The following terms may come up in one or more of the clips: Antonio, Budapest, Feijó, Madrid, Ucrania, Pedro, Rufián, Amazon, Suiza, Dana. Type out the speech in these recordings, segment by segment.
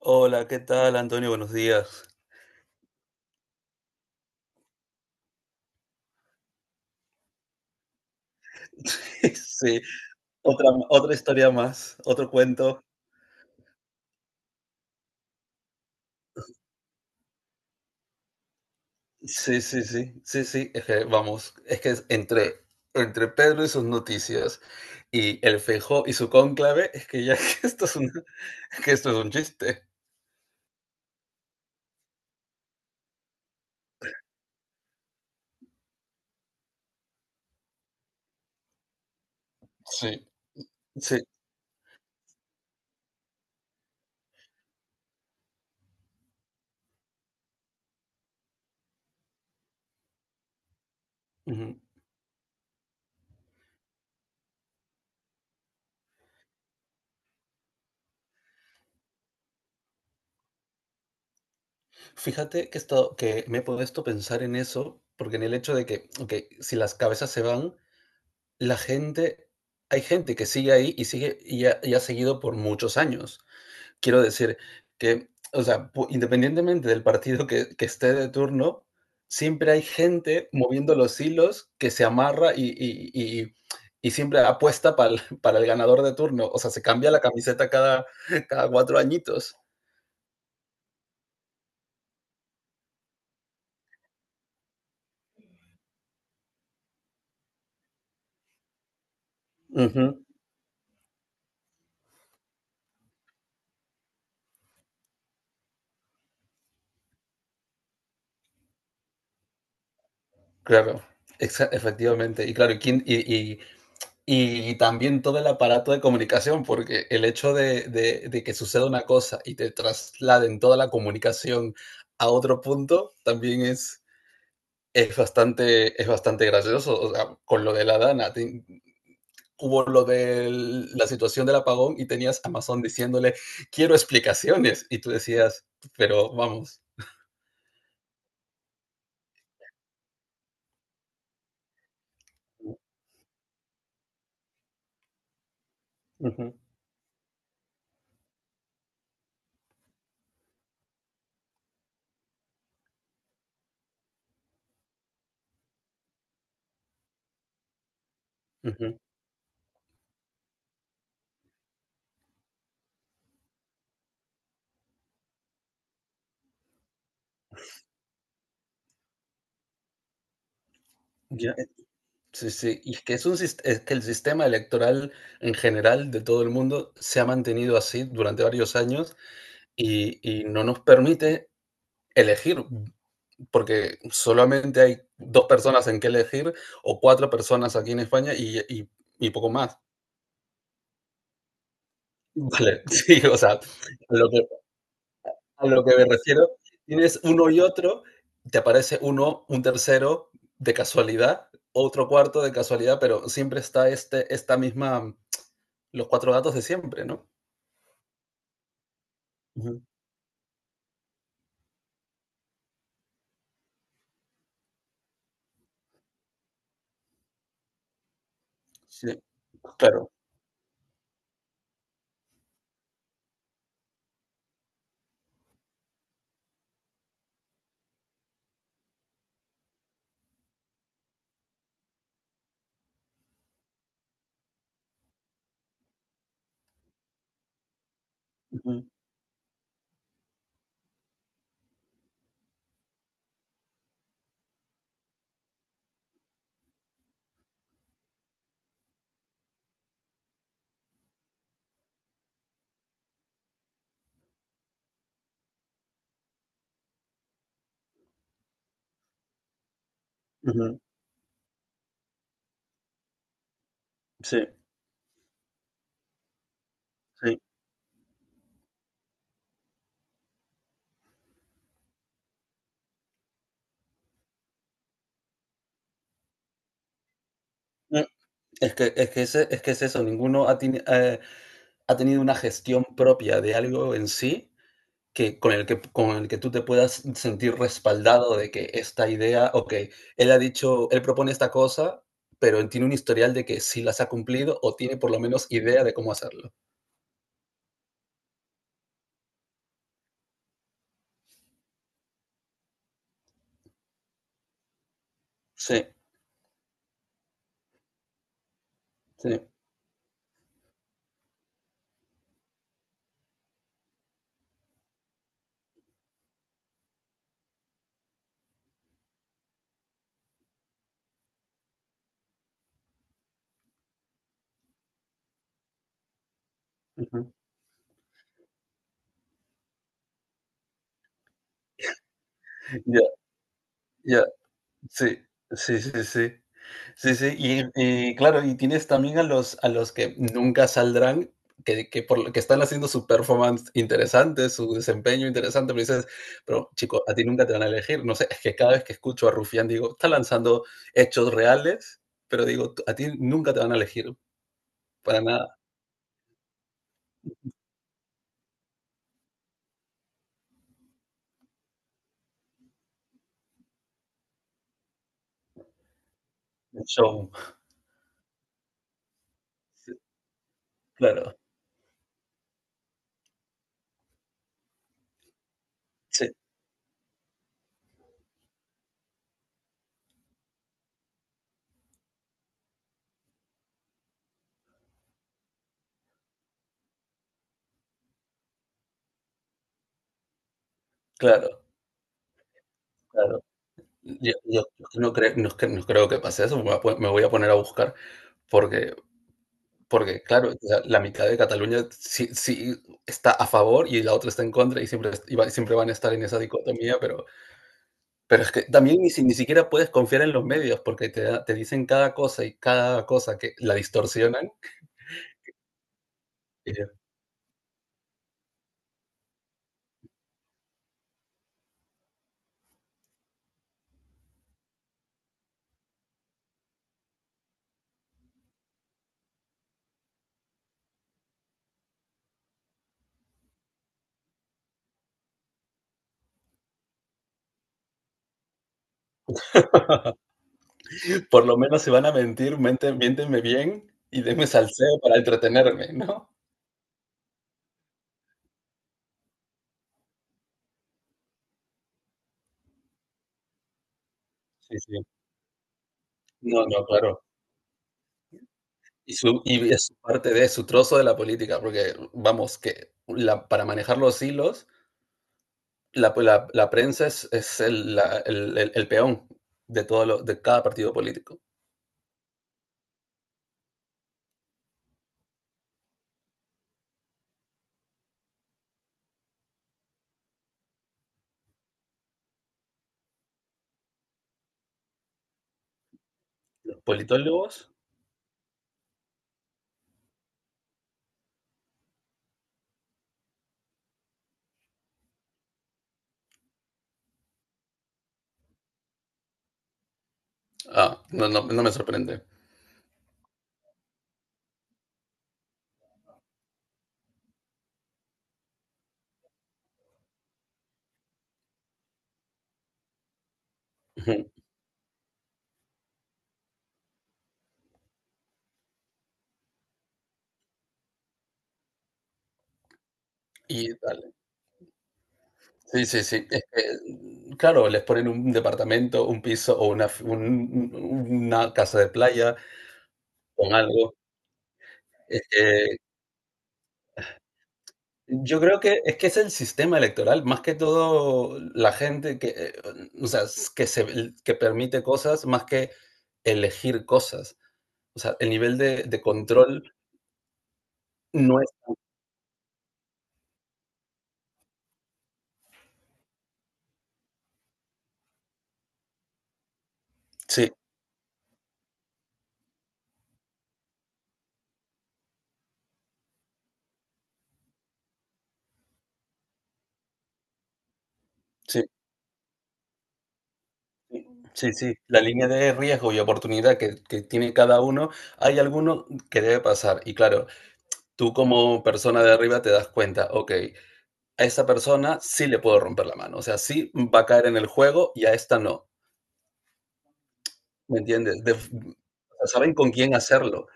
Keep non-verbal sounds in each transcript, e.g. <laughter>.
Hola, ¿qué tal, Antonio? Buenos días. <laughs> Sí, otra historia más, otro cuento. Sí, sí, sí, sí, sí, es que vamos, es que es entre Pedro y sus noticias y el Feijó y su cónclave, es que ya <laughs> que esto es un chiste. Sí, sí. Ujú. Fíjate que, esto, que me he puesto a pensar en eso, porque en el hecho de que, ok, si las cabezas se van, la gente, hay gente que sigue ahí y ha seguido por muchos años. Quiero decir que, o sea, pu independientemente del partido que esté de turno, siempre hay gente moviendo los hilos que se amarra y y siempre apuesta para <laughs> para el ganador de turno. O sea, se cambia la camiseta cada 4 añitos. Ujú, claro, exa efectivamente. Y claro, y quién y también todo el aparato de comunicación, porque el hecho de que suceda una cosa y te trasladen toda la comunicación a otro punto, también es bastante gracioso. O sea, con lo de la Dana, hubo lo de la situación del apagón y tenías Amazon diciéndole, quiero explicaciones. Y tú decías, pero vamos. Ujú, ujú. Ya, sí, sí, y es que, es que el sistema electoral en general de todo el mundo se ha mantenido así durante varios años y no nos permite elegir. Porque solamente hay dos personas en que elegir o cuatro personas aquí en España y, y poco más. <laughs> Vale, sí, o sea, lo, que, a lo que me refiero, tienes uno y otro, te aparece uno, un tercero de casualidad, otro cuarto de casualidad, pero siempre está esta misma, los cuatro datos de siempre, ¿no? Uh -huh. Sí, claro. Uh -huh. Uh -huh. Sí, sí. Mm, es que, es que es eso, ha tenido una gestión propia de algo en sí con el que tú te puedas sentir respaldado de que esta idea, ok, él ha dicho, él propone esta cosa, pero tiene un historial de que sí las ha cumplido o tiene por lo menos idea de cómo hacerlo. Sí, sí. Ujú. Ya, uh -huh. ya. Yeah, yeah. Sí, sí, sí, sí. Sí, sí, y claro, y tienes también a a los que nunca saldrán, lo que están haciendo su performance interesante, su desempeño interesante, pero dices, pero chico, a ti nunca te van a elegir. No sé, es que cada vez que escucho a Rufián digo, está lanzando hechos reales, pero digo, a ti nunca te van a elegir para nada. Un show. Sí, claro, sí, claro, claro. Yo no, creo, no, cre- no creo que pase eso, me voy a poner a buscar, porque porque, claro, o sea, la mitad de Cataluña sí está a favor y la otra está en contra y siempre es- y va siempre van a estar en esa dicotomía, pero es que también ni siquiera puedes confiar en los medios porque te dicen cada cosa y cada cosa que la distorsionan, eh, por lo menos si van a mentir, mienten miéntenme bien y denme salseo para entretenerme, ¿no? Sí, sí. No, no, claro. Y su y Es su parte de su trozo de la política, porque, vamos, que la para manejar los hilos la prensa es el, la- el peón de, de cada partido político. ¿Politólogos? Ah, no, no, no me sorprende. Ujú. Y dale. Sí, sí, sí. Es que, claro, les ponen un departamento, un piso o una casa de playa con algo. Es que yo creo que es el sistema electoral, más que todo la gente que, o sea, que permite cosas, más que elegir cosas. O sea, el nivel de control no es sí, sí, sí, sí, la línea de riesgo y oportunidad que tiene cada uno, hay alguno que debe pasar. Y claro, tú como persona de arriba te das cuenta, okey, a esa persona sí le puedo romper la mano, o sea, sí va a caer en el juego y a esta no, ¿me entiendes? Def saben con quién hacerlo,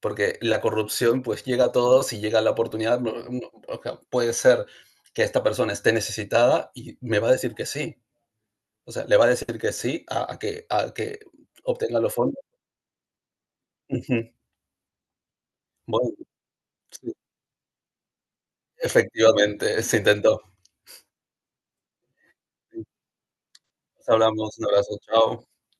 porque la corrupción, pues, llega a todos y llega la oportunidad, o sea, puede ser que esta persona esté necesitada y me va a decir que sí. O sea, le va a decir que sí a que obtenga los fondos. Ujú. Bueno, sí, efectivamente, se intentó. Sí, nos hablamos, un abrazo, chao.